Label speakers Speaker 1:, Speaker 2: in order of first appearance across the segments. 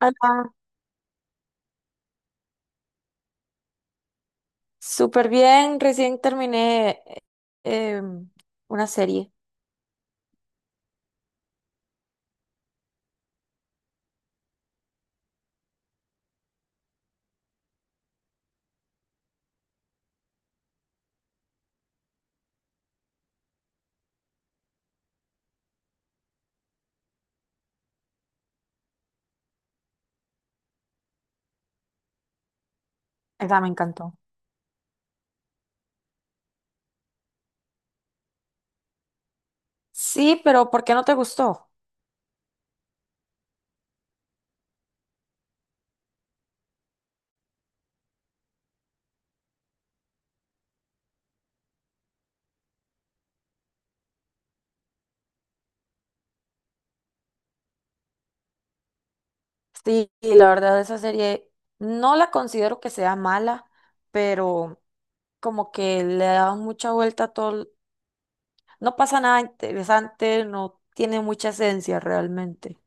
Speaker 1: Hola, súper bien. Recién terminé em, una serie. Esa me encantó. Sí, pero ¿por qué no te gustó? Sí, y la verdad, esa serie no la considero que sea mala, pero como que le dan mucha vuelta a todo. No pasa nada interesante, no tiene mucha esencia realmente.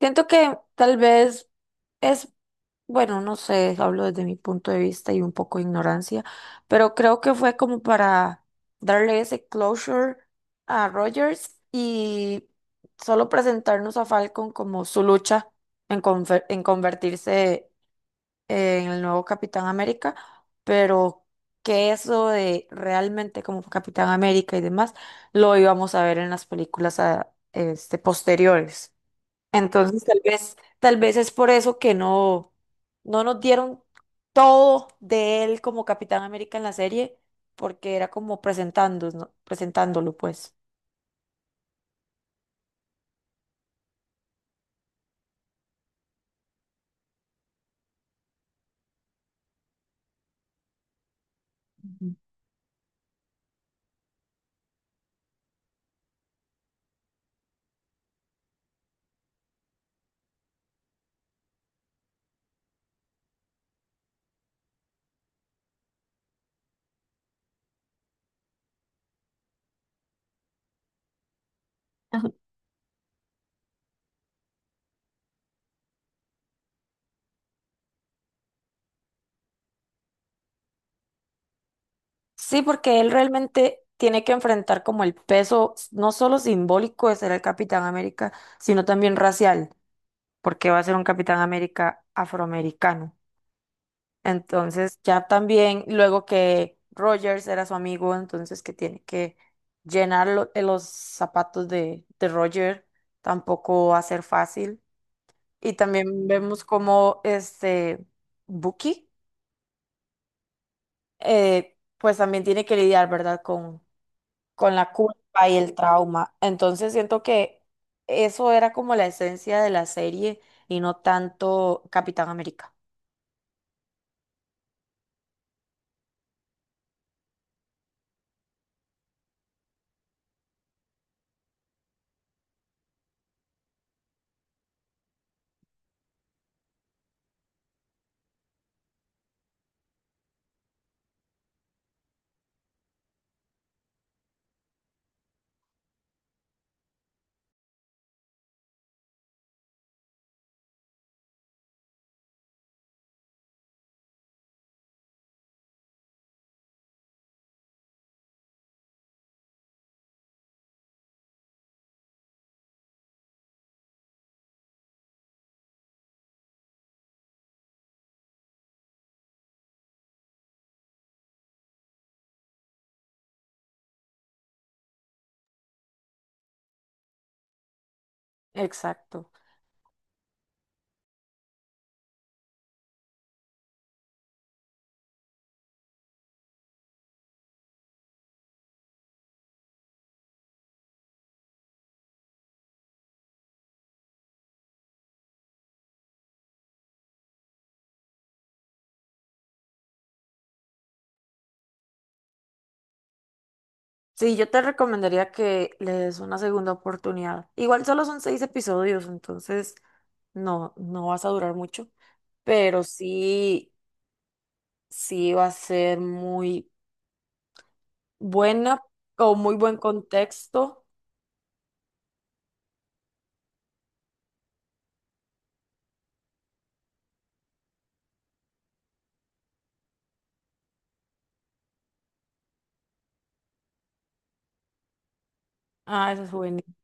Speaker 1: Siento que tal vez es, bueno, no sé, hablo desde mi punto de vista y un poco de ignorancia, pero creo que fue como para darle ese closure a Rogers y solo presentarnos a Falcon como su lucha en convertirse en el nuevo Capitán América, pero que eso de realmente como Capitán América y demás lo íbamos a ver en las películas este, posteriores. Entonces, tal vez es por eso que no, no nos dieron todo de él como Capitán América en la serie, porque era como presentándonos, presentándolo, pues. Ajá. Sí, porque él realmente tiene que enfrentar como el peso, no solo simbólico de ser el Capitán América, sino también racial, porque va a ser un Capitán América afroamericano. Entonces ya también, luego que Rogers era su amigo, entonces que tiene que llenar los zapatos de Roger, tampoco va a ser fácil. Y también vemos como este Bucky, pues también tiene que lidiar, ¿verdad? Con la culpa y el trauma. Entonces siento que eso era como la esencia de la serie y no tanto Capitán América. Exacto. Sí, yo te recomendaría que le des una segunda oportunidad. Igual solo son 6 episodios, entonces no, no vas a durar mucho, pero sí, sí va a ser muy buena o muy buen contexto. Ah, eso es juvenil.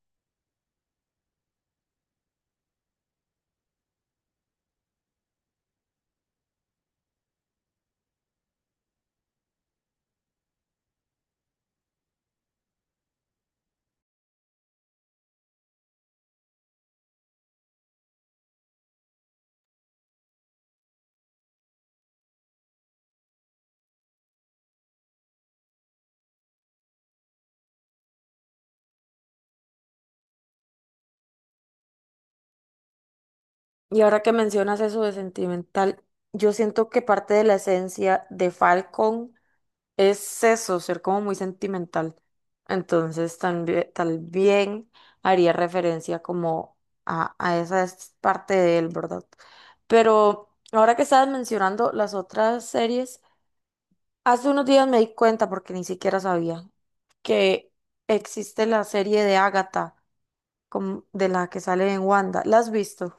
Speaker 1: Y ahora que mencionas eso de sentimental, yo siento que parte de la esencia de Falcon es eso, ser como muy sentimental. Entonces, también, tal bien haría referencia como a esa es parte de él, ¿verdad? Pero ahora que estabas mencionando las otras series, hace unos días me di cuenta, porque ni siquiera sabía, que existe la serie de Agatha, de la que sale en Wanda. ¿La has visto?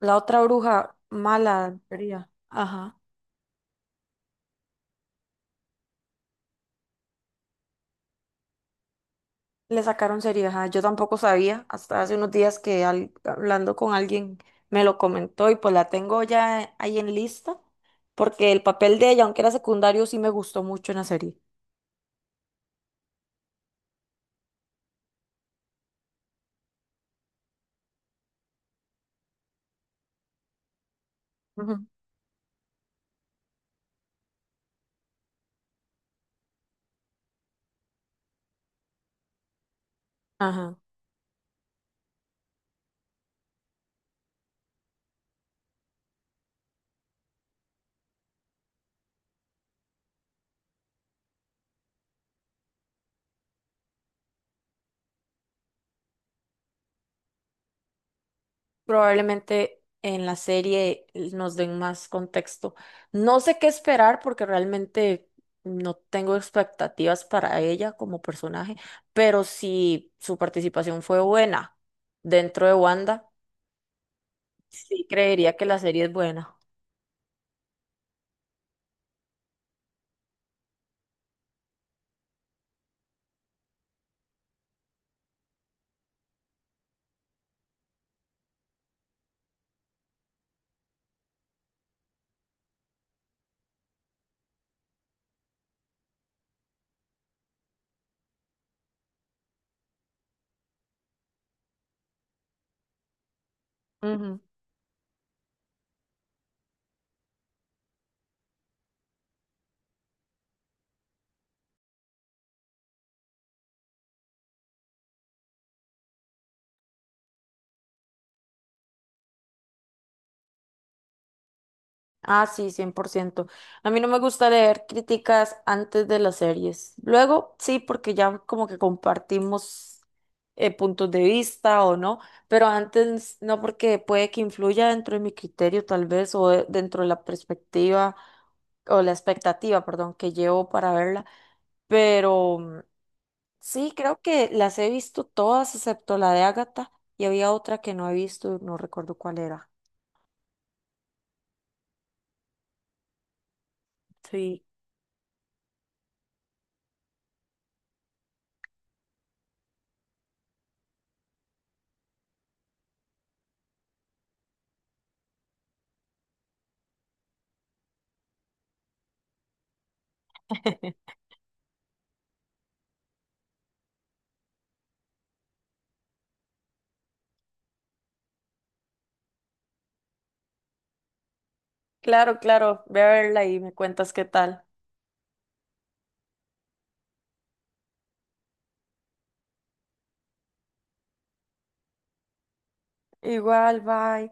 Speaker 1: La otra bruja mala, sería. Ajá. Le sacaron serias. Ajá. Yo tampoco sabía hasta hace unos días que hablando con alguien me lo comentó y pues la tengo ya ahí en lista porque el papel de ella, aunque era secundario, sí me gustó mucho en la serie. Ujú. Ajá. Probablemente en la serie nos den más contexto. No sé qué esperar porque realmente no tengo expectativas para ella como personaje, pero si su participación fue buena dentro de Wanda, sí creería que la serie es buena. Ujú. Ah, sí, 100%. A mí no me gusta leer críticas antes de las series. Luego, sí, porque ya como que compartimos puntos de vista o no, pero antes no, porque puede que influya dentro de mi criterio tal vez o dentro de la perspectiva o la expectativa, perdón, que llevo para verla. Pero mm, sí, creo que las he visto todas excepto la de Agatha y había otra que no he visto, no recuerdo cuál era. Sí. Claro, claro, ve a verla y me cuentas qué tal. Igual, bye.